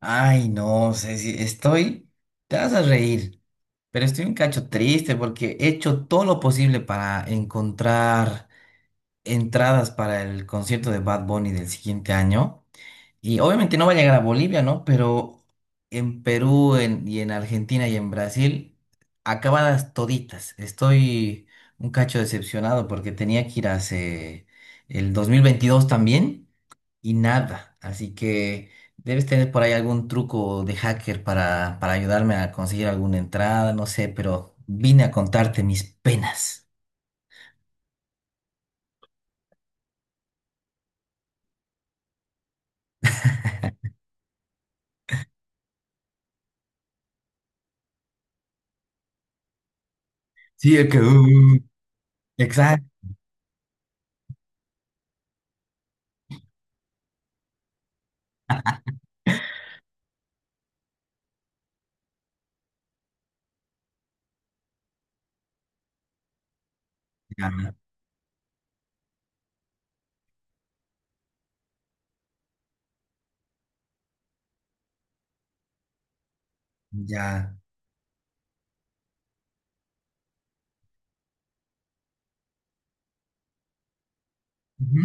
Ay, no sé si estoy, te vas a reír, pero estoy un cacho triste porque he hecho todo lo posible para encontrar entradas para el concierto de Bad Bunny del siguiente año. Y obviamente no va a llegar a Bolivia, ¿no? Pero en Perú y en Argentina y en Brasil, acabadas toditas. Estoy un cacho decepcionado porque tenía que ir hace el 2022 también y nada. Así que debes tener por ahí algún truco de hacker para ayudarme a conseguir alguna entrada, no sé, pero vine a contarte mis penas. Sí, es que... Exacto. Ya, ya, ujú.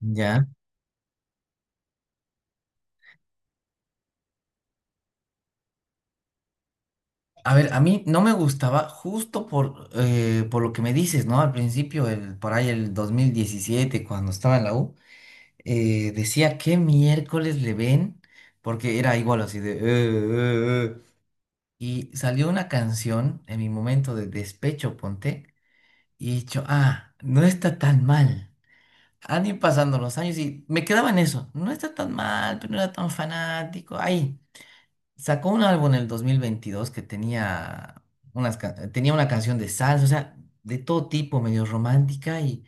Ya. A ver, a mí no me gustaba justo por lo que me dices, ¿no? Al principio, por ahí el 2017 cuando estaba en la U, decía qué miércoles le ven, porque era igual así de... eh". Y salió una canción en mi momento de despecho, ponte, y he dicho, ah, no está tan mal. Han ido pasando los años y me quedaba en eso, no está tan mal, pero no era tan fanático. Ahí sacó un álbum en el 2022 que tenía tenía una canción de salsa, o sea, de todo tipo, medio romántica, y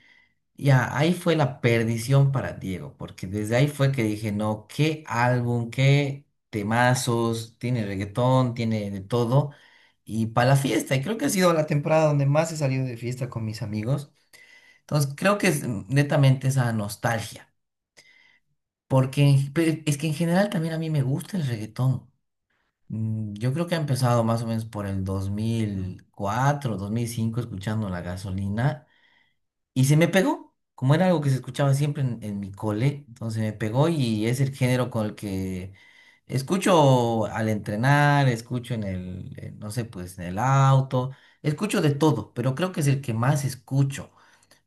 ya, ahí fue la perdición para Diego, porque desde ahí fue que dije, no, qué álbum, qué temazos, tiene reggaetón, tiene de todo, y para la fiesta, y creo que ha sido la temporada donde más he salido de fiesta con mis amigos, entonces creo que es netamente esa nostalgia, porque es que en general también a mí me gusta el reggaetón. Mm, yo creo que ha empezado más o menos por el 2004, 2005 escuchando La Gasolina, y se me pegó, como era algo que se escuchaba siempre en mi cole, entonces me pegó y es el género con el que escucho al entrenar, escucho en no sé, pues en el auto, escucho de todo, pero creo que es el que más escucho.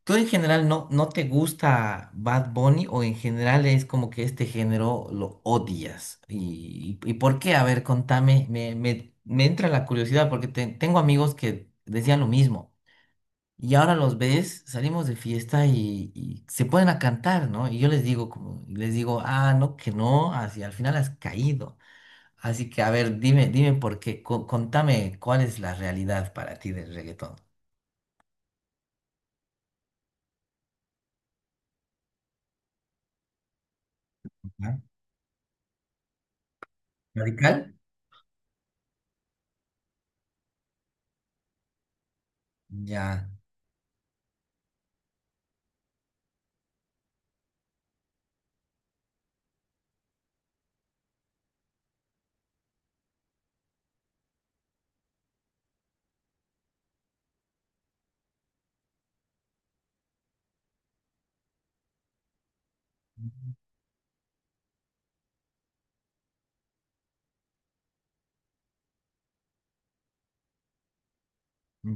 ¿Tú en general no, no te gusta Bad Bunny o en general es como que este género lo odias? ¿Y por qué? A ver, contame, me entra la curiosidad porque tengo amigos que decían lo mismo. Y ahora los ves, salimos de fiesta y se ponen a cantar, ¿no? Y yo les digo, como, les digo, ah, no, que no, así al final has caído. Así que, a ver, dime, dime por qué, contame cuál es la realidad para ti del reggaetón. ¿Ya? ¿Radical? Ya,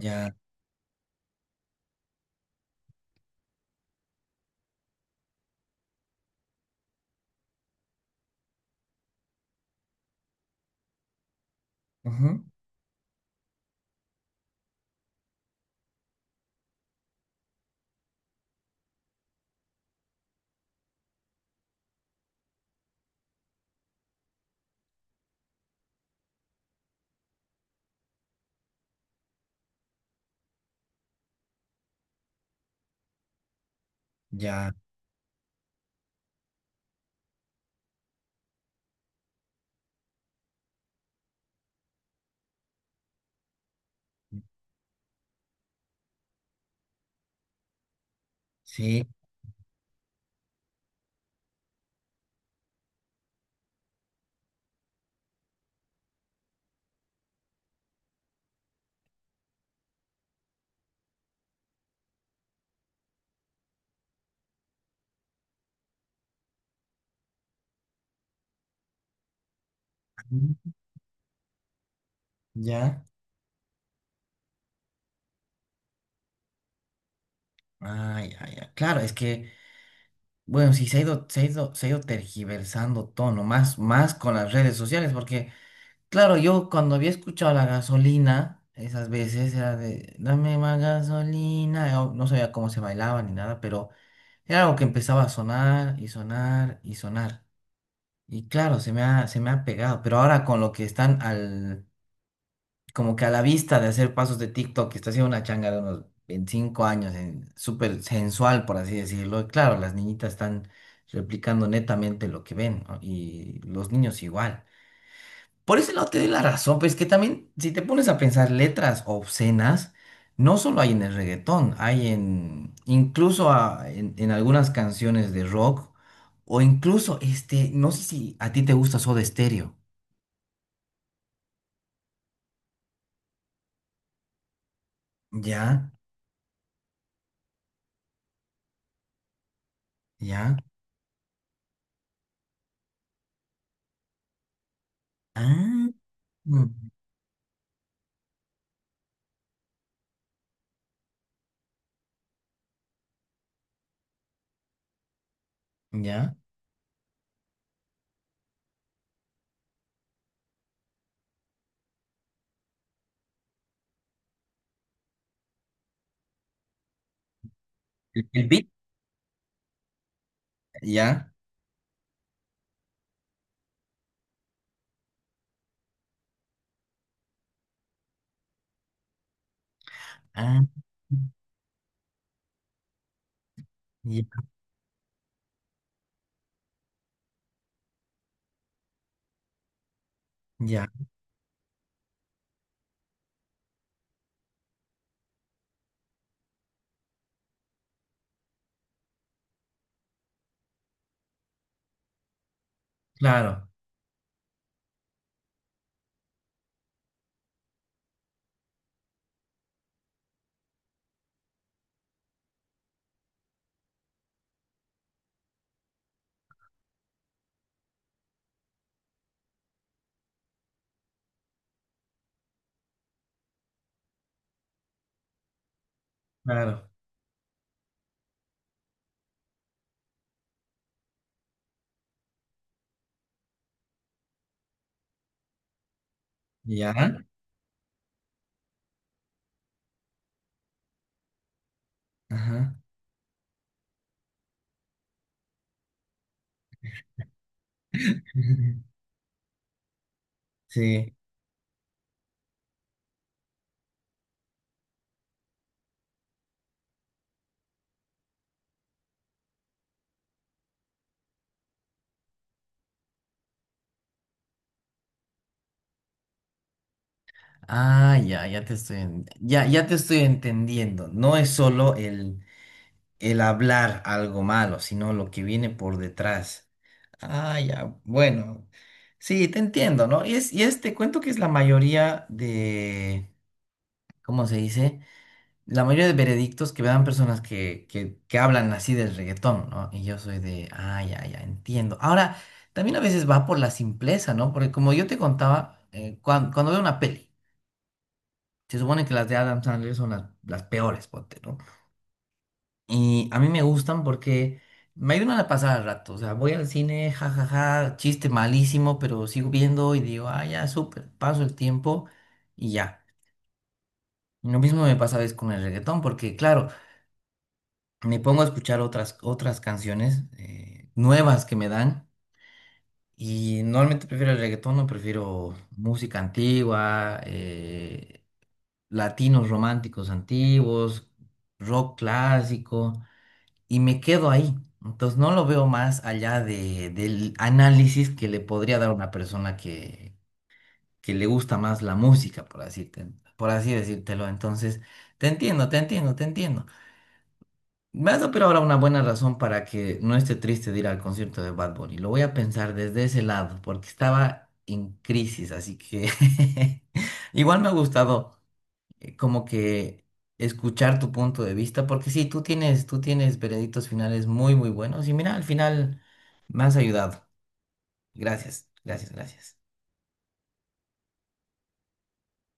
ya, ujú, ya, sí, ujú, ya, ah, ya, ya. Claro, es que, bueno, sí, se ha ido, se ha ido, se ha ido tergiversando todo, ¿no? Más, más con las redes sociales, porque... Claro, yo cuando había escuchado la gasolina, esas veces era de, dame más gasolina, yo no sabía cómo se bailaba ni nada, pero era algo que empezaba a sonar y sonar y sonar. Y claro, se me ha pegado, pero ahora con lo que están al, como que a la vista de hacer pasos de TikTok, que está haciendo una changa de unos 25 años, súper sensual, por así decirlo, y claro, las niñitas están replicando netamente lo que ven, ¿no? Y los niños igual. Por ese lado te doy la razón, pues que también, si te pones a pensar letras obscenas, no solo hay en el reggaetón, hay en, incluso en algunas canciones de rock, o incluso, este, no sé si a ti te gusta Soda Stereo. Ya, ya. Ah, mm, ya. El beat. Ya. Ah, ya, ya. Claro, claro. Ya. Ajá. Sí. Ah, ya, ya te estoy, ya, ya te estoy entendiendo. No es solo el hablar algo malo, sino lo que viene por detrás. Ah, ya, bueno. Sí, te entiendo, ¿no? Y es, te cuento que es la mayoría de, ¿cómo se dice? La mayoría de veredictos que me dan personas que hablan así del reggaetón, ¿no? Y yo soy de, ah, ya, ya, entiendo. Ahora, también a veces va por la simpleza, ¿no? Porque como yo te contaba, cuando veo una peli. Se supone que las de Adam Sandler son las peores, ponte, ¿no? Y a mí me gustan porque me ayudan a pasar al rato. O sea, voy al cine, jajaja, chiste malísimo, pero sigo viendo y digo, ah, ya, súper, paso el tiempo y ya. Y lo mismo me pasa a veces con el reggaetón, porque claro, me pongo a escuchar otras canciones nuevas que me dan. Y normalmente prefiero el reggaetón, no prefiero música antigua, latinos románticos antiguos, rock clásico. Y me quedo ahí. Entonces no lo veo más allá de, del análisis que le podría dar una persona que le gusta más la música, por así decírtelo. Entonces, te entiendo, te entiendo, te entiendo. Me has dado pero ahora una buena razón para que no esté triste de ir al concierto de Bad Bunny. Lo voy a pensar desde ese lado, porque estaba en crisis, así que igual me ha gustado como que escuchar tu punto de vista, porque sí, tú tienes veredictos finales muy, muy buenos y mira, al final me has ayudado. Gracias, gracias, gracias.